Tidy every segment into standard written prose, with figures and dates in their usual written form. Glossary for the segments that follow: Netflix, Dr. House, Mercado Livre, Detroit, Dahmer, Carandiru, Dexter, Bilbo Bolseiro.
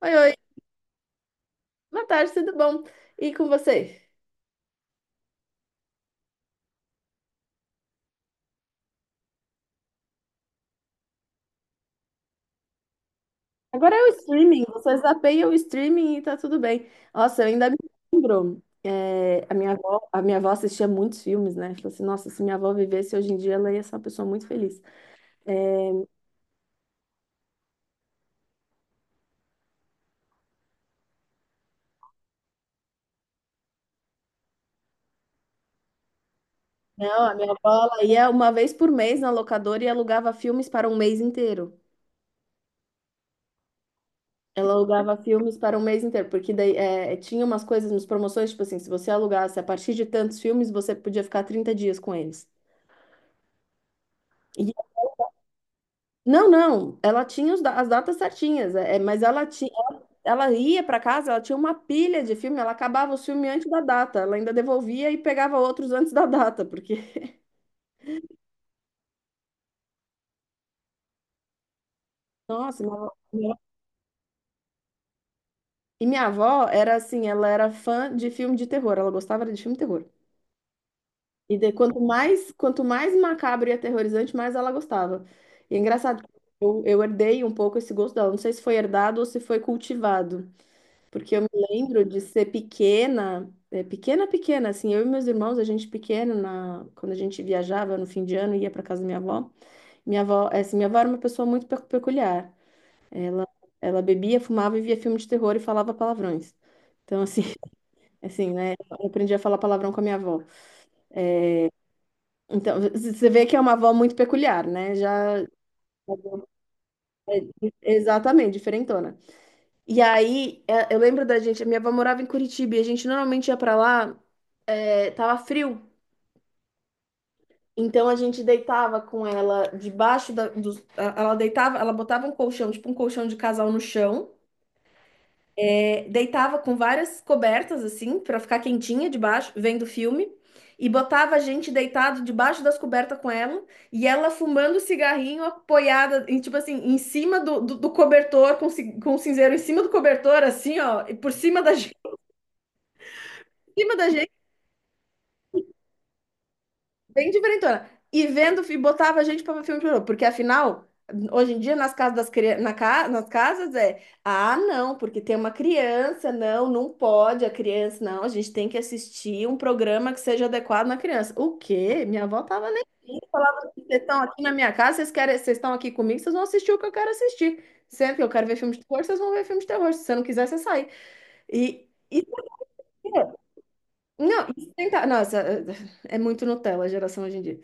Oi, oi. Boa tarde, tudo bom? E com você? Agora é o streaming, você zapeia o streaming e tá tudo bem. Nossa, eu ainda me lembro. A minha avó assistia muitos filmes, né? Falei assim, nossa, se minha avó vivesse hoje em dia, ela ia ser uma pessoa muito feliz. É, não, a minha avó, ela ia uma vez por mês na locadora e alugava filmes para um mês inteiro. Ela alugava filmes para um mês inteiro, porque daí tinha umas coisas, umas promoções, tipo assim, se você alugasse a partir de tantos filmes, você podia ficar 30 dias com eles. E Não, não, ela tinha as datas certinhas, mas ela tinha, ela ia para casa, ela tinha uma pilha de filme, ela acabava os filmes antes da data, ela ainda devolvia e pegava outros antes da data, porque, nossa, e minha avó era assim, ela era fã de filme de terror, ela gostava de filme de terror. Quanto mais macabro e aterrorizante, mais ela gostava. E é engraçado, eu herdei um pouco esse gosto dela, não sei se foi herdado ou se foi cultivado. Porque eu me lembro de ser pequena, pequena, pequena, assim, eu e meus irmãos, a gente pequeno, quando a gente viajava no fim de ano, ia para casa da minha avó. Minha avó, assim, minha avó era uma pessoa muito peculiar. Ela, ela bebia, fumava e via filme de terror e falava palavrões. Então, assim, assim, né? Eu aprendi a falar palavrão com a minha avó. Então, você vê que é uma avó muito peculiar, né? Já, exatamente, diferentona. E aí, eu lembro da gente, a minha avó morava em Curitiba e a gente normalmente ia para lá, tava frio. Então a gente deitava com ela debaixo da, dos- a- ela deitava, ela botava um colchão, tipo um colchão de casal no chão, deitava com várias cobertas assim pra ficar quentinha debaixo, vendo filme, e botava a gente deitado debaixo das cobertas com ela, e ela fumando cigarrinho apoiada em, tipo assim, em cima do cobertor com o cinzeiro em cima do cobertor assim, ó, e por cima da gente, em cima da gente. Bem diferentona. E botava a gente pra ver filme de terror, porque afinal, hoje em dia, nas casas das crianças, nas casas não, porque tem uma criança, não, não pode a criança, não, a gente tem que assistir um programa que seja adequado na criança. O quê? Minha avó tava nem aí, falava assim, vocês estão aqui na minha casa, vocês querem, vocês estão aqui comigo, vocês vão assistir o que eu quero assistir. Sempre que eu quero ver filme de terror, vocês vão ver filme de terror. Se você não quiser, você sai. E não, e sentar. Nossa, é muito Nutella a geração hoje em dia.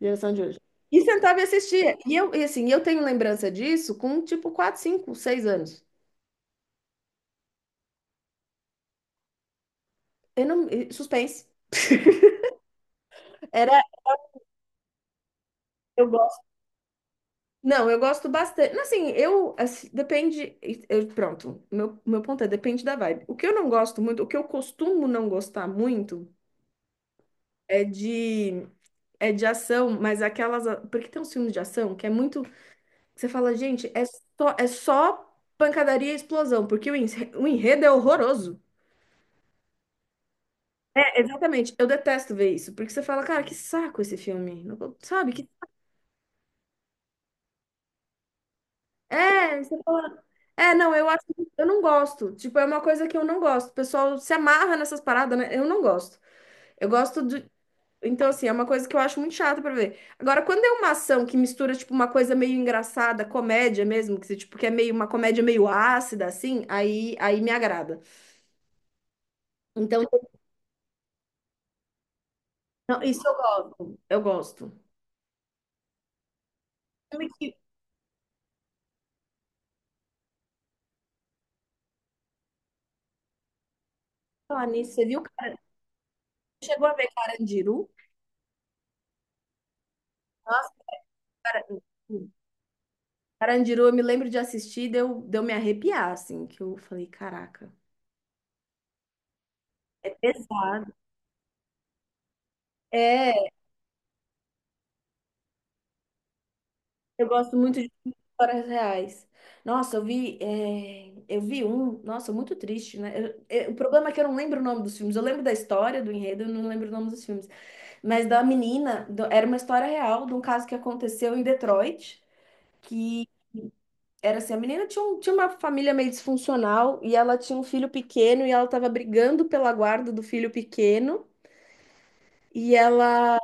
Geração de hoje. E sentava e assistia. E assim, eu tenho lembrança disso com tipo 4, 5, 6 anos. Eu não, e suspense. Era, eu gosto. Não, eu gosto bastante. Assim, eu, assim, depende. Eu, pronto, meu ponto é: depende da vibe. O que eu não gosto muito, o que eu costumo não gostar muito é de, é de ação, mas aquelas. Porque tem uns filmes de ação que é muito. Você fala, gente, é só pancadaria e explosão, porque o enredo é horroroso. É, exatamente. Eu detesto ver isso, porque você fala, cara, que saco esse filme. Não vou- Sabe? Que... É, você fala. É, não, eu acho, eu não gosto. Tipo, é uma coisa que eu não gosto. O pessoal se amarra nessas paradas, né? Eu não gosto. Eu gosto de. Então, assim, é uma coisa que eu acho muito chata pra ver. Agora, quando é uma ação que mistura, tipo, uma coisa meio engraçada, comédia mesmo, que, você, tipo, que é meio uma comédia meio ácida, assim, aí me agrada. Então, não, isso eu gosto. Eu gosto. Filme que falar nisso, você viu? Cara, chegou a ver Carandiru? Nossa, cara, hum, Carandiru, eu me lembro de assistir, deu me arrepiar, assim, que eu falei, caraca, é pesado. É, eu gosto muito de histórias reais. Nossa, eu vi um, nossa, muito triste, né? O problema é que eu não lembro o nome dos filmes. Eu lembro da história, do enredo, eu não lembro o nome dos filmes. Mas da menina, era uma história real de um caso que aconteceu em Detroit, que era assim, a menina tinha, tinha uma família meio disfuncional e ela tinha um filho pequeno e ela estava brigando pela guarda do filho pequeno e ela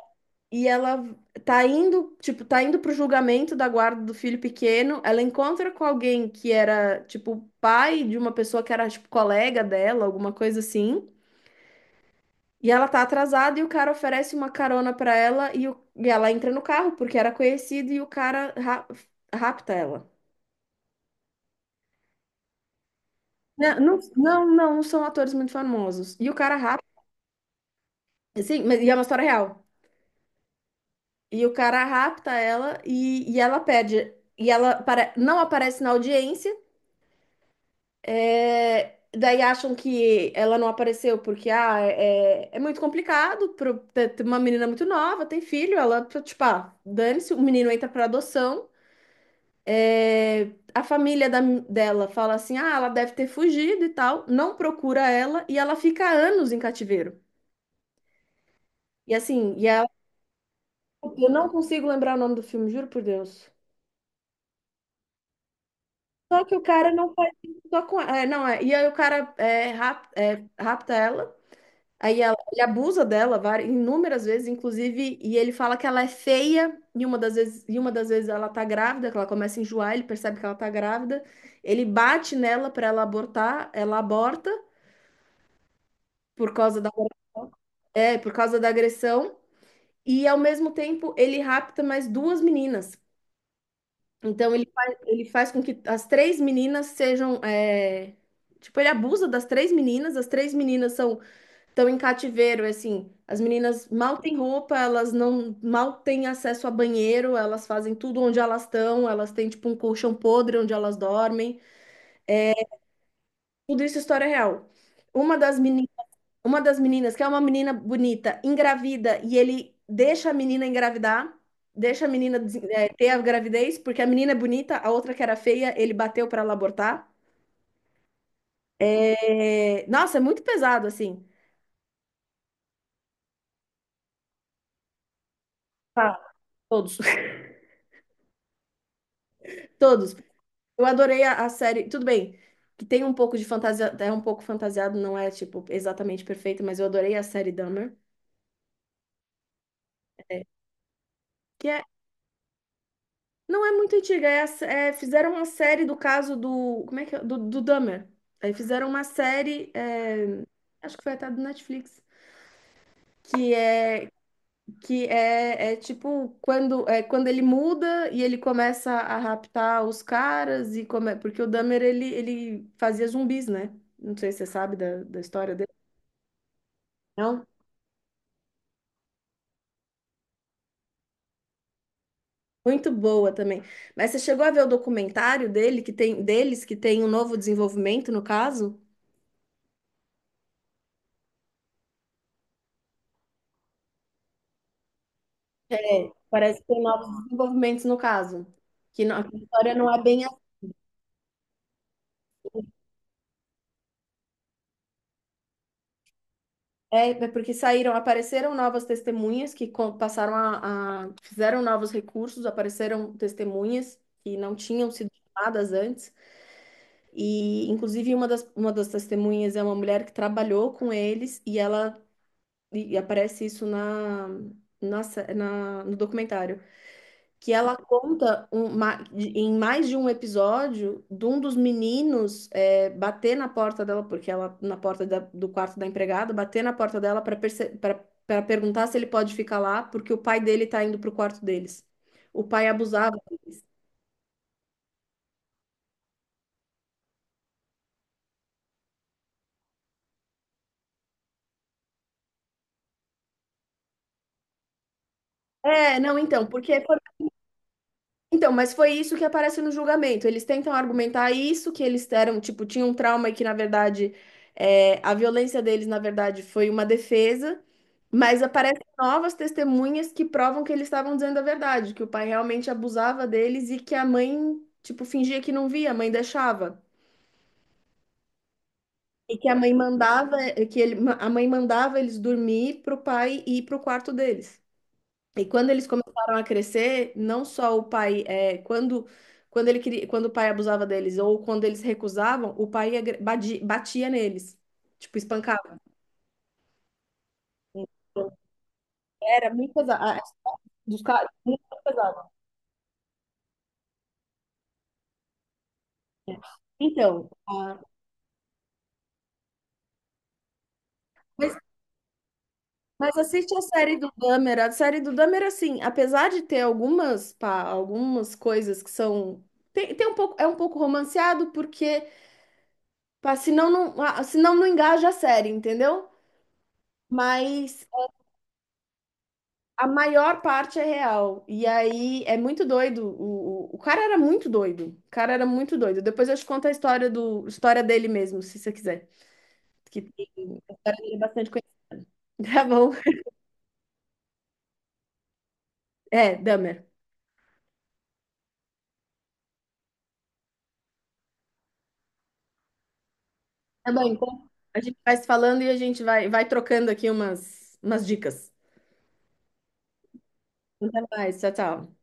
e ela tá indo pro julgamento da guarda do filho pequeno. Ela encontra com alguém que era, tipo, pai de uma pessoa que era, tipo, colega dela, alguma coisa assim. E ela tá atrasada e o cara oferece uma carona pra ela e ela entra no carro porque era conhecido e o cara rapta ela. Né, não, não, não, são atores muito famosos. E o cara rapta, sim, mas e é uma história real. E o cara rapta ela e ela pede. E ela não aparece na audiência. Daí acham que ela não apareceu porque é muito complicado para uma menina muito nova, tem filho, ela, tipo, ah, dane-se, o menino entra para adoção. É, a família dela fala assim: ah, ela deve ter fugido e tal, não procura ela e ela fica anos em cativeiro. E assim, eu não consigo lembrar o nome do filme, juro por Deus. Só que o cara não faz isso só com. É, não, é. E aí o cara rapta ela, ele abusa dela várias, inúmeras vezes, inclusive, e ele fala que ela é feia, e uma das vezes ela tá grávida, que ela começa a enjoar, ele percebe que ela tá grávida, ele bate nela pra ela abortar, ela aborta por causa da, por causa da agressão, e ao mesmo tempo ele rapta mais duas meninas. Então ele faz com que as três meninas sejam. Tipo, ele abusa das três meninas, as três meninas são estão em cativeiro, é assim, as meninas mal têm roupa, elas não mal têm acesso a banheiro, elas fazem tudo onde elas estão, elas têm tipo um colchão podre onde elas dormem. Tudo isso é história real. Uma das meninas uma das meninas, que é uma menina bonita, engravida, e ele deixa a menina engravidar, deixa a menina ter a gravidez, porque a menina é bonita, a outra que era feia, ele bateu para ela abortar. É, nossa, é muito pesado, assim. Tá. Todos, todos. Eu adorei a série. Tudo bem, que tem um pouco de fantasia, é um pouco fantasiado, não é, tipo, exatamente perfeito, mas eu adorei a série Dahmer, é, que é não é muito antiga, fizeram uma série do caso do. Como é que é? Do Dahmer. Aí fizeram uma série, acho que foi até do Netflix, que é, que é, é tipo quando ele muda e ele começa a raptar os caras e come, porque o Dahmer ele fazia zumbis, né? Não sei se você sabe da história dele. Não? Muito boa também. Mas você chegou a ver o documentário dele que tem deles que tem um novo desenvolvimento no caso? É, parece que tem novos desenvolvimentos no caso. Que a história não é bem. É, porque saíram, apareceram novas testemunhas que co- passaram a- fizeram novos recursos, apareceram testemunhas que não tinham sido chamadas antes. E, inclusive, uma das testemunhas é uma mulher que trabalhou com eles e ela. E, aparece isso no documentário. Que ela conta em mais de um episódio de um dos meninos bater na porta dela, porque ela, na porta do quarto da empregada, bater na porta dela para perguntar se ele pode ficar lá, porque o pai dele tá indo pro quarto deles. O pai abusava deles. É, não, então, mas foi isso que aparece no julgamento. Eles tentam argumentar isso que eles eram, tipo, tinha um trauma e que, na verdade, a violência deles, na verdade, foi uma defesa, mas aparecem novas testemunhas que provam que eles estavam dizendo a verdade, que o pai realmente abusava deles e que a mãe, tipo, fingia que não via, a mãe deixava. E que a mãe mandava, a mãe mandava eles dormir pro pai ir pro quarto deles. E quando eles começaram a crescer, não só o pai, quando, quando o pai abusava deles ou quando eles recusavam, o pai batia neles, tipo, espancava. Então, era muito pesado. Dos caras, muito pesado. Então, mas, mas assiste a série do Dahmer. A série do Dahmer, assim, apesar de ter algumas coisas que são. Tem um pouco, é um pouco romanceado, porque, pá, senão não engaja a série, entendeu? Mas a maior parte é real. E aí é muito doido. O cara era muito doido. O cara era muito doido. Depois eu te conto a história história dele mesmo, se você quiser. Que tem, a história dele é bastante conhecida. Tá bom. É, Dahmer. Tá bom, então a gente vai se falando e a gente vai trocando aqui umas dicas. Até mais. Tchau, tchau.